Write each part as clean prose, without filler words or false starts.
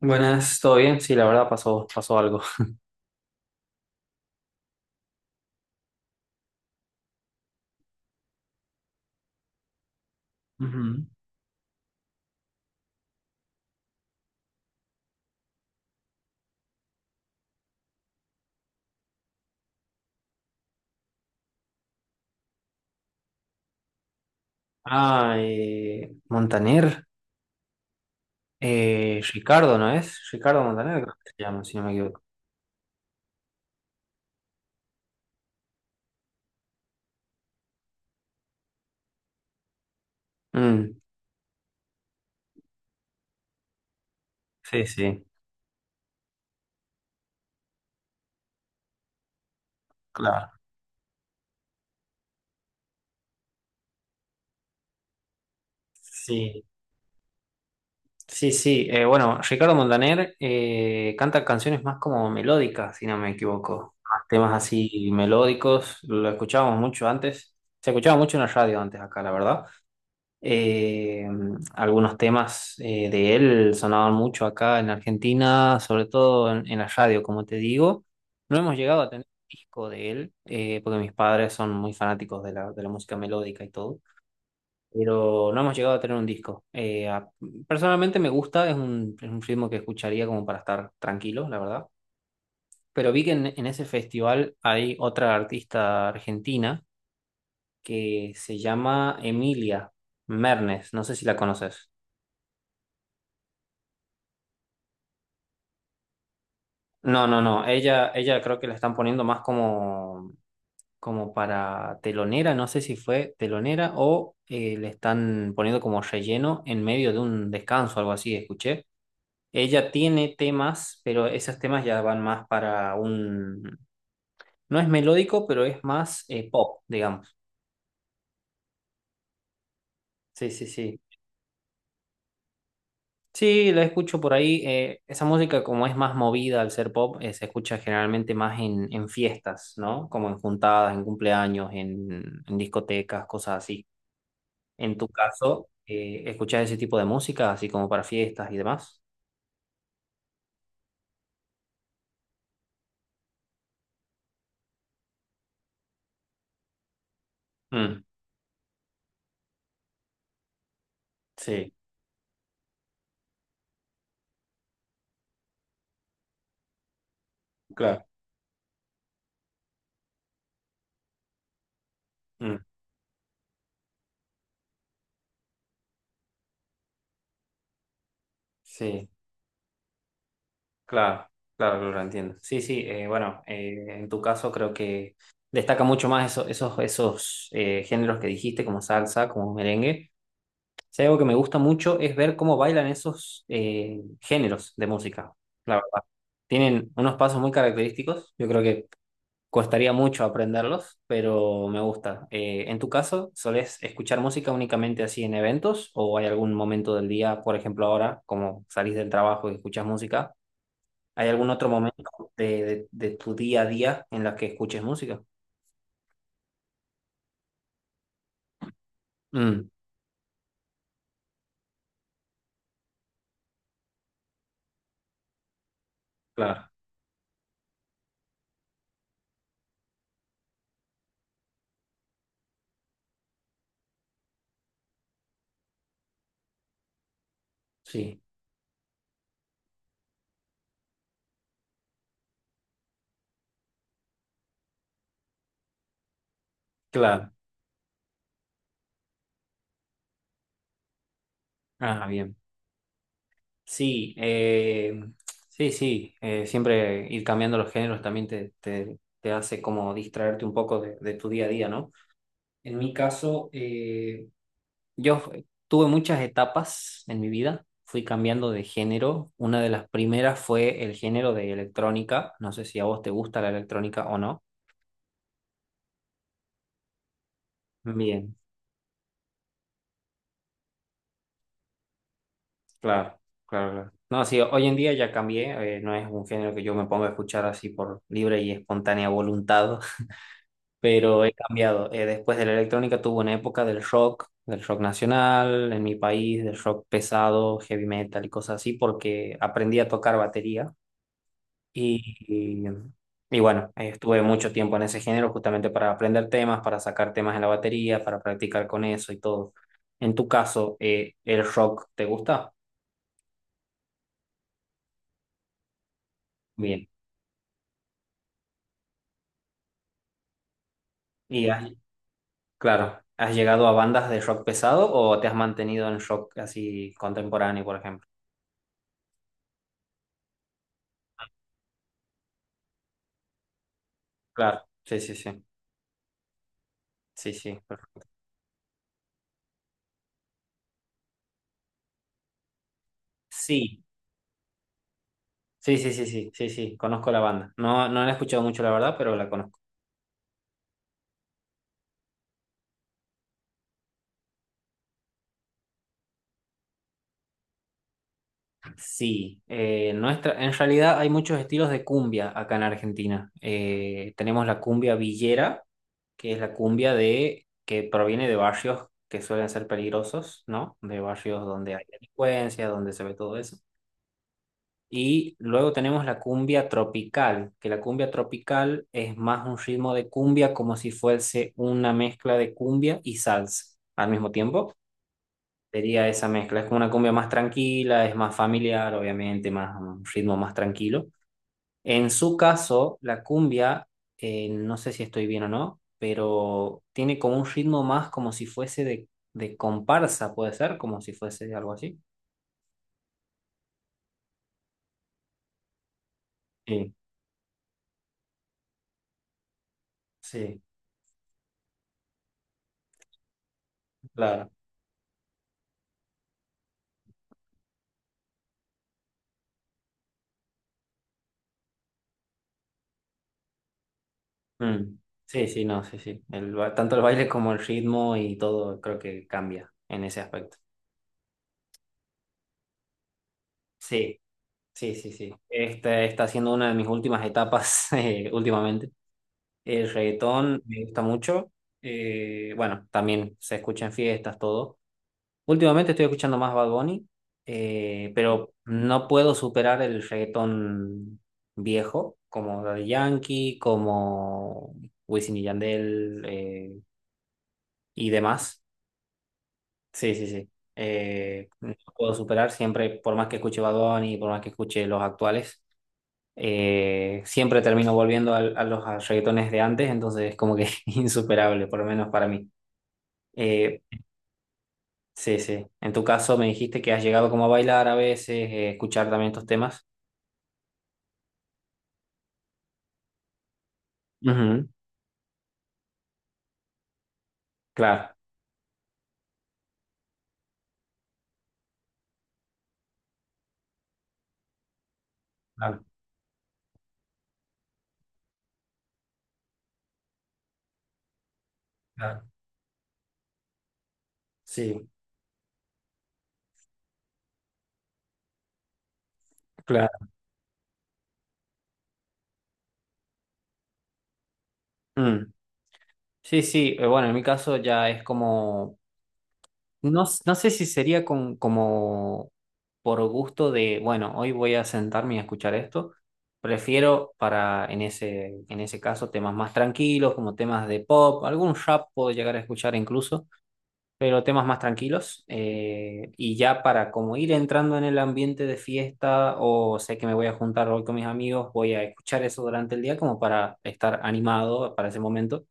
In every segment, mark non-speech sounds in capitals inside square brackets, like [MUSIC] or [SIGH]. Buenas, ¿todo bien? Sí, la verdad pasó algo. Ujú. Ah, Montaner, Ricardo, ¿no es? Ricardo Montaner, creo que se llama, si no me equivoco. Mm, sí, sí, claro. Sí, sí, sí. Bueno, Ricardo Montaner canta canciones más como melódicas, si no me equivoco. Más temas así melódicos, lo escuchábamos mucho antes. Se escuchaba mucho en la radio antes acá, la verdad. Eh, Algunos temas de él sonaban mucho acá en Argentina, sobre todo en la radio, como te digo. No hemos llegado a tener disco de él, porque mis padres son muy fanáticos de de la música melódica y todo, pero no hemos llegado a tener un disco. Personalmente me gusta, es un ritmo que escucharía como para estar tranquilo, la verdad. Pero vi que en ese festival hay otra artista argentina que se llama Emilia Mernes, no sé si la conoces. No, no, no. Ella creo que la están poniendo más como para telonera. No sé si fue telonera o le están poniendo como relleno en medio de un descanso, algo así, escuché. Ella tiene temas, pero esos temas ya van más para un... No es melódico, pero es más pop, digamos. Sí, sí, sí. Sí, la escucho por ahí. Esa música, como es más movida al ser pop, se escucha generalmente más en fiestas, ¿no? Como en juntadas, en cumpleaños, en discotecas, cosas así. En tu caso, ¿escuchas ese tipo de música, así como para fiestas y demás? Mm, sí, claro. Mm, sí, claro, claro, claro, lo entiendo. Sí, sí, bueno, en tu caso creo que destaca mucho más esos géneros que dijiste, como salsa, como merengue. Si hay algo que me gusta mucho es ver cómo bailan esos géneros de música, la verdad. Tienen unos pasos muy característicos, yo creo que costaría mucho aprenderlos, pero me gusta. ¿En tu caso, solés escuchar música únicamente así en eventos o hay algún momento del día, por ejemplo ahora, como salís del trabajo y escuchas música? ¿Hay algún otro momento de tu día a día en la que escuches música? Mm, claro, sí, claro. Ah, bien. Sí, sí, sí. Siempre ir cambiando los géneros también te hace como distraerte un poco de tu día a día, ¿no? En mi caso, tuve muchas etapas en mi vida. Fui cambiando de género. Una de las primeras fue el género de electrónica. No sé si a vos te gusta la electrónica o no. Bien, claro, claro, claro. No, sí, hoy en día ya cambié. No es un género que yo me ponga a escuchar así por libre y espontánea voluntad. Pero he cambiado. Después de la electrónica tuve una época del rock nacional, en mi país, del rock pesado, heavy metal y cosas así, porque aprendí a tocar batería y, y, y bueno, estuve mucho tiempo en ese género justamente para aprender temas, para sacar temas en la batería, para practicar con eso y todo. En tu caso, ¿el rock te gusta? Bien. Y has- claro, ¿has llegado a bandas de rock pesado o te has mantenido en rock así contemporáneo, por ejemplo? Claro, sí, sí, sí. Sí, sí, perfecto. Sí, sí, sí, sí, sí, sí, sí, conozco la banda. No, no la he escuchado mucho, la verdad, pero la conozco. Sí, nuestra, en realidad hay muchos estilos de cumbia acá en Argentina. Tenemos la cumbia villera, que es la cumbia de, que proviene de barrios que suelen ser peligrosos, ¿no? De barrios donde hay delincuencia, donde se ve todo eso. Y luego tenemos la cumbia tropical, que la cumbia tropical es más un ritmo de cumbia como si fuese una mezcla de cumbia y salsa al mismo tiempo. Sería esa mezcla, es como una cumbia más tranquila, es más familiar, obviamente, más un ritmo más tranquilo. En su caso, la cumbia, no sé si estoy bien o no, pero tiene como un ritmo más como si fuese de comparsa, puede ser, como si fuese algo así. Sí, sí, claro. Mm. Sí, sí, no, sí, sí. Tanto el baile como el ritmo y todo creo que cambia en ese aspecto. Sí, sí, sí, sí. Esta está siendo una de mis últimas etapas [LAUGHS] últimamente. El reggaetón me gusta mucho. Bueno, también se escucha en fiestas, todo. Últimamente estoy escuchando más Bad Bunny, pero no puedo superar el reggaetón viejo, como Daddy Yankee, como Wisin y Yandel y demás. Sí, sí, sí. No puedo superar siempre, por más que escuche Bad Bunny, por más que escuche los actuales, siempre termino volviendo al- a, los a reggaetones de antes, entonces es como que [LAUGHS] insuperable, por lo menos para mí. Eh, sí, sí. En tu caso me dijiste que has llegado como a bailar a veces, escuchar también estos temas. Ujú, claro, claro, claro. Sí, claro. Mm. Sí, sí. Bueno, en mi caso ya es como... No sé si sería con, como por gusto de, bueno, hoy voy a sentarme y a escuchar esto. Prefiero para, en ese caso, temas más tranquilos, como temas de pop, algún rap puedo llegar a escuchar incluso, pero temas más tranquilos. Eh, y ya para como ir entrando en el ambiente de fiesta o sé que me voy a juntar hoy con mis amigos, voy a escuchar eso durante el día como para estar animado para ese momento.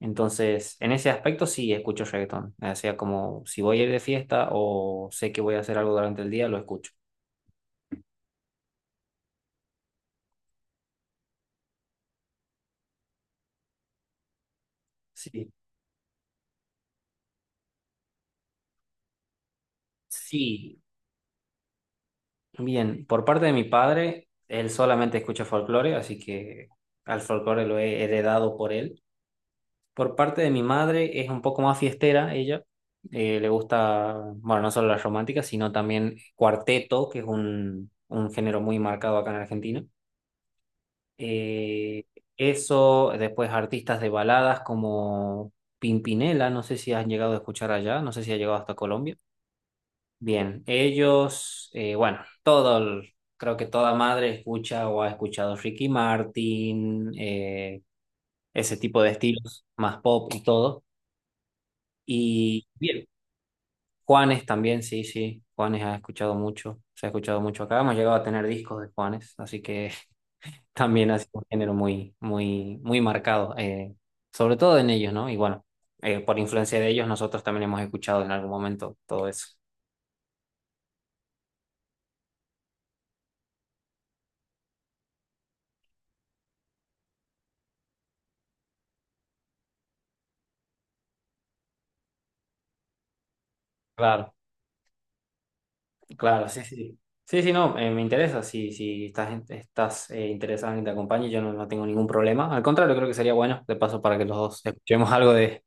Entonces, en ese aspecto sí escucho reggaetón. O sea, como si voy a ir de fiesta o sé que voy a hacer algo durante el día, lo escucho. Sí. Sí. Bien, por parte de mi padre, él solamente escucha folclore, así que al folclore lo he heredado por él. Por parte de mi madre es un poco más fiestera ella. Le gusta, bueno, no solo las románticas, sino también cuarteto, que es un género muy marcado acá en Argentina. Eh, eso, después artistas de baladas como Pimpinela, no sé si has llegado a escuchar allá, no sé si ha llegado hasta Colombia. Bien, ellos, bueno, todo, el- creo que toda madre escucha o ha escuchado Ricky Martin, ese tipo de estilos, más pop y todo. Y bien, Juanes también, sí, sí, Juanes ha escuchado mucho, se ha escuchado mucho acá, hemos llegado a tener discos de Juanes, así que también ha sido un género muy, muy, muy marcado, sobre todo en ellos, ¿no? Y bueno, por influencia de ellos, nosotros también hemos escuchado en algún momento todo eso. Claro, claro, sí, sí. Sí, sí, no, me interesa. Si, si estás, estás interesado en que te acompañe, yo no, no tengo ningún problema. Al contrario, creo que sería bueno, de paso, para que los dos escuchemos [LAUGHS] algo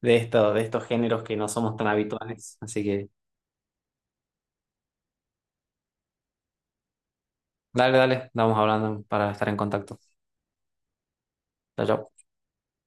de esto, de estos géneros que no somos tan habituales. Así que, dale, dale, vamos hablando para estar en contacto. Chao, chao.